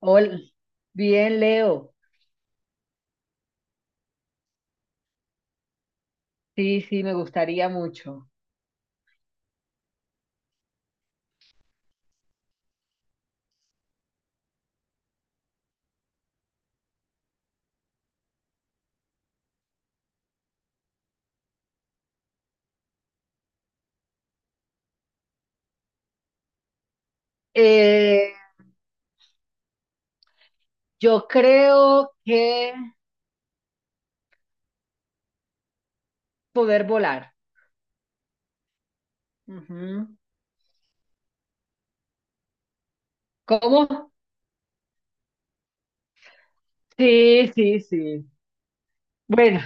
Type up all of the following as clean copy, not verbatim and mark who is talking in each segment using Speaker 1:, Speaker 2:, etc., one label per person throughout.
Speaker 1: Hola, bien, Leo. Sí, sí, me gustaría mucho. Eh, yo creo que poder volar. Ujú. ¿Cómo? Sí, sí, sí. Bueno,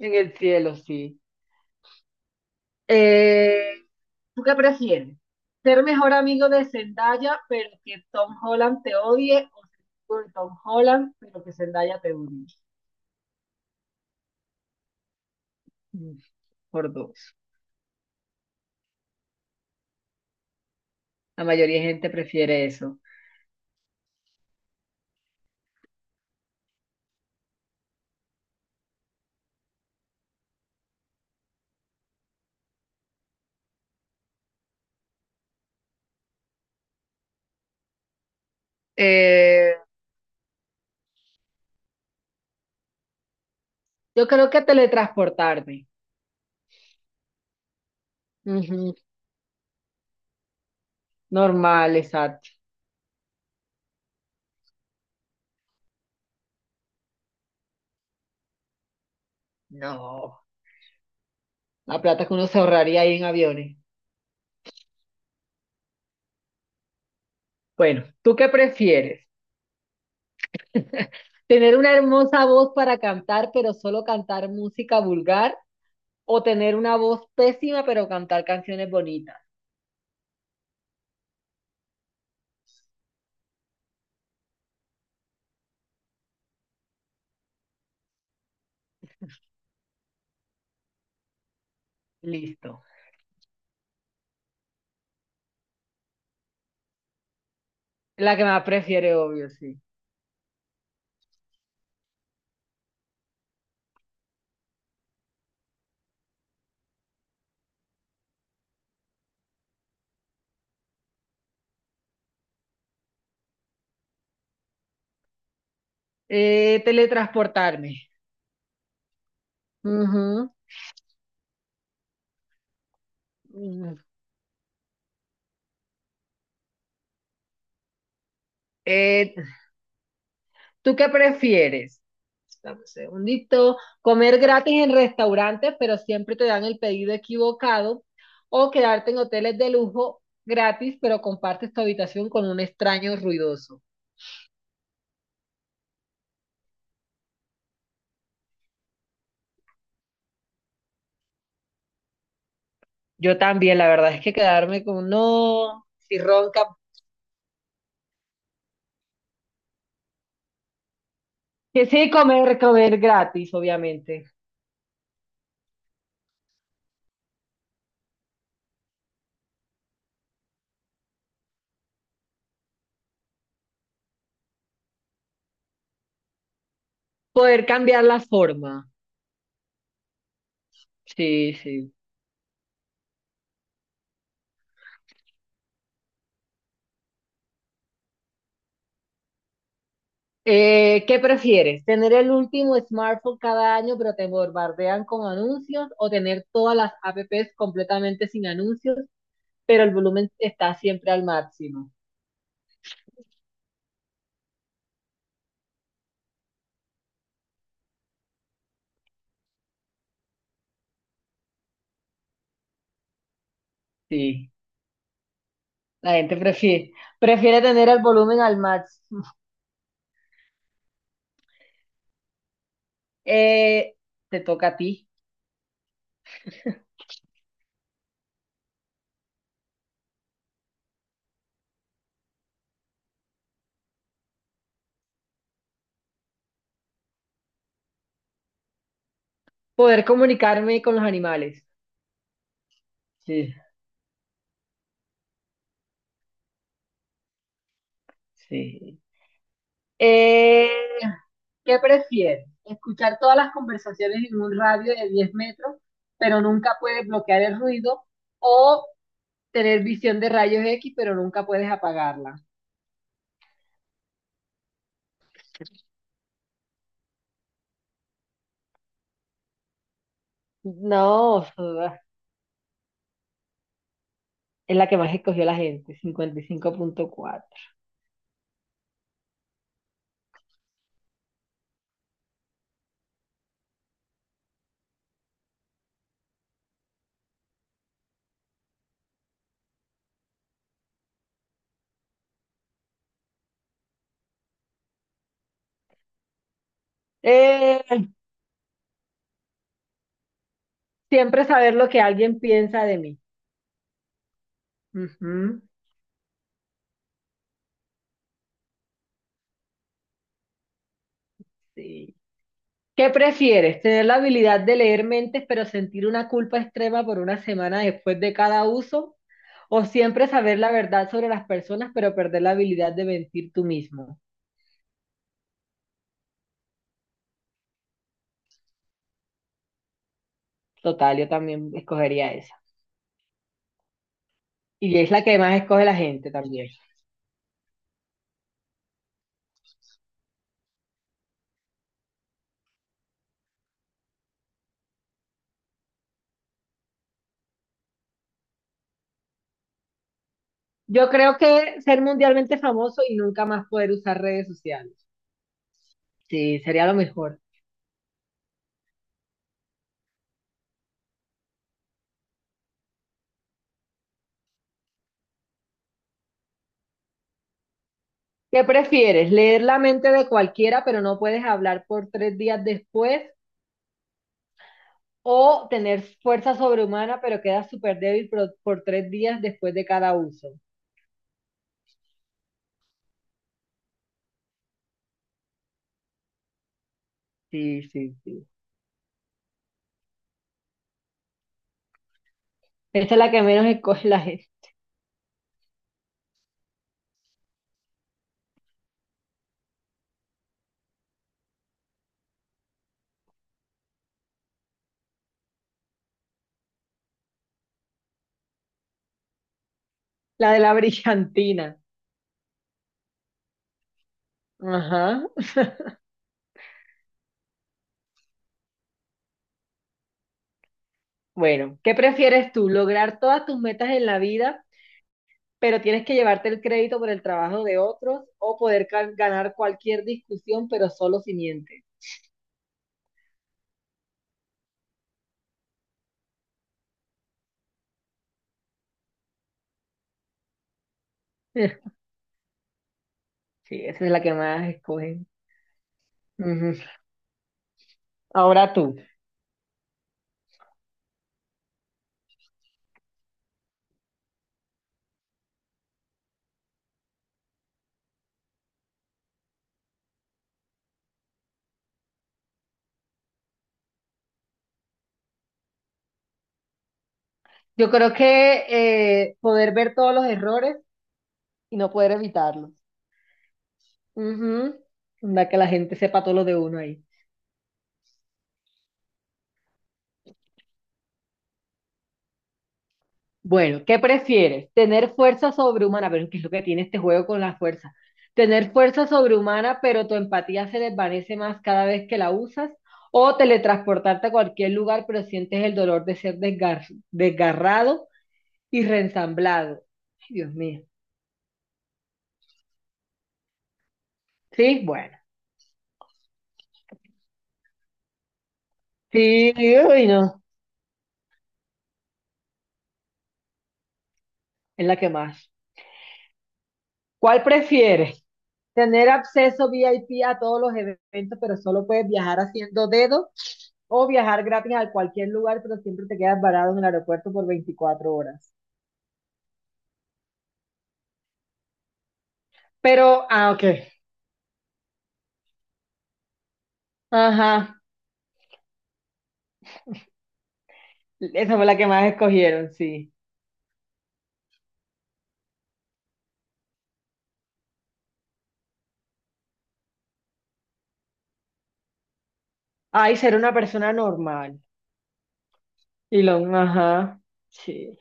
Speaker 1: en el cielo, sí. Eh, ¿Tú qué prefieres? ¿Ser mejor amigo de Zendaya, pero que Tom Holland te odie? ¿O ser amigo de Tom Holland, pero que Zendaya te odie? Mm, Por dos. La mayoría de gente prefiere eso. Eh, Yo creo que teletransportarme. Ujú. Normal, exacto. No. La plata que uno se ahorraría ahí en aviones. Bueno, ¿tú qué prefieres? ¿Tener una hermosa voz para cantar, pero solo cantar música vulgar? ¿O tener una voz pésima, pero cantar canciones bonitas? Listo. La que más prefiere, obvio, sí. Teletransportarme. Ujú. Mm. Eh, ¿tú qué prefieres? Dame un segundito. ¿Comer gratis en restaurantes, pero siempre te dan el pedido equivocado? ¿O quedarte en hoteles de lujo gratis, pero compartes tu habitación con un extraño ruidoso? Yo también, la verdad es que quedarme con no, si ronca. Que sí, comer, comer gratis, obviamente. Poder cambiar la forma. Sí, sí. ¿Qué prefieres? ¿Tener el último smartphone cada año pero te bombardean con anuncios o tener todas las apps completamente sin anuncios pero el volumen está siempre al máximo? Sí, la gente prefiere, prefiere tener el volumen al máximo. Eh, te toca a ti. Poder comunicarme con los animales. Sí, sí. Eh, ¿Qué prefieres? ¿Escuchar todas las conversaciones en un radio de 10 metros, pero nunca puedes bloquear el ruido? ¿O tener visión de rayos X, pero nunca puedes apagarla? No, es la que más escogió la gente, 55,4. Eh, Siempre saber lo que alguien piensa de mí. Ujú, sí. ¿Qué prefieres? ¿Tener la habilidad de leer mentes pero sentir una culpa extrema por una semana después de cada uso? ¿O siempre saber la verdad sobre las personas pero perder la habilidad de mentir tú mismo? Total, yo también escogería esa. Y es la que más escoge la gente también. Yo creo que ser mundialmente famoso y nunca más poder usar redes sociales. Sí, sería lo mejor. ¿Qué prefieres? ¿Leer la mente de cualquiera pero no puedes hablar por 3 días después? ¿O tener fuerza sobrehumana, pero quedas súper débil por 3 días después de cada uso? Sí, sí, sí. Esta es la que menos escoge la gente. La de la brillantina. Ajá. Bueno, ¿qué prefieres tú? ¿Lograr todas tus metas en la vida, pero tienes que llevarte el crédito por el trabajo de otros? ¿O poder ganar cualquier discusión, pero solo si mientes? Sí, esa es la que más escogen. Ujú. Ahora tú. Yo creo que poder ver todos los errores y no poder evitarlos. Ujú. Onda que la gente sepa todo lo de uno ahí. Bueno, ¿qué prefieres? ¿Tener fuerza sobrehumana? Pero ¿qué es lo que tiene este juego con la fuerza? ¿Tener fuerza sobrehumana, pero tu empatía se desvanece más cada vez que la usas? ¿O teletransportarte a cualquier lugar, pero sientes el dolor de ser desgarrado y reensamblado? Ay, Dios mío. Sí, bueno. Sí, uy, no. Es la que más. ¿Cuál prefieres? ¿Tener acceso VIP a todos los eventos, pero solo puedes viajar haciendo dedo? ¿O viajar gratis a cualquier lugar, pero siempre te quedas varado en el aeropuerto por 24 horas? Pero, ah, ok. Ajá. Esa fue la que más escogieron, sí. Ay, ser una persona normal. Y lo, ajá. Sí,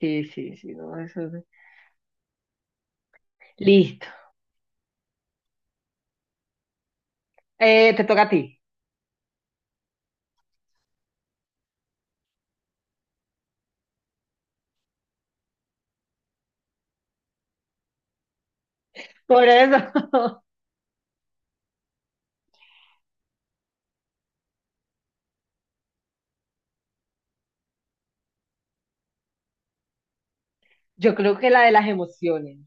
Speaker 1: sí, sí, sí, no, eso es- Listo. Te toca a ti. Por eso, yo creo que la de las emociones.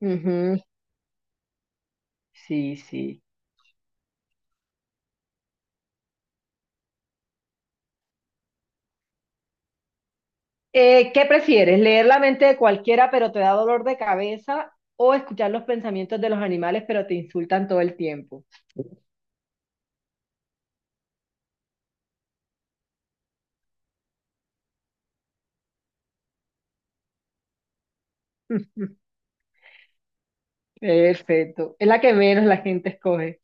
Speaker 1: Ujú. Sí, sí. ¿Qué prefieres? ¿Leer la mente de cualquiera pero te da dolor de cabeza o escuchar los pensamientos de los animales pero te insultan todo el tiempo? Perfecto. Es la que menos la gente escoge.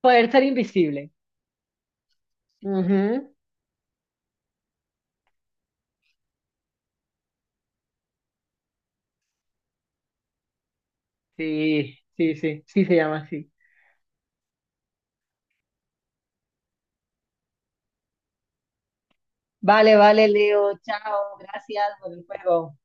Speaker 1: Poder ser invisible. Ujú. Sí, sí, sí, sí se llama así. Vale, vale, Leo. Chao. Gracias por el juego.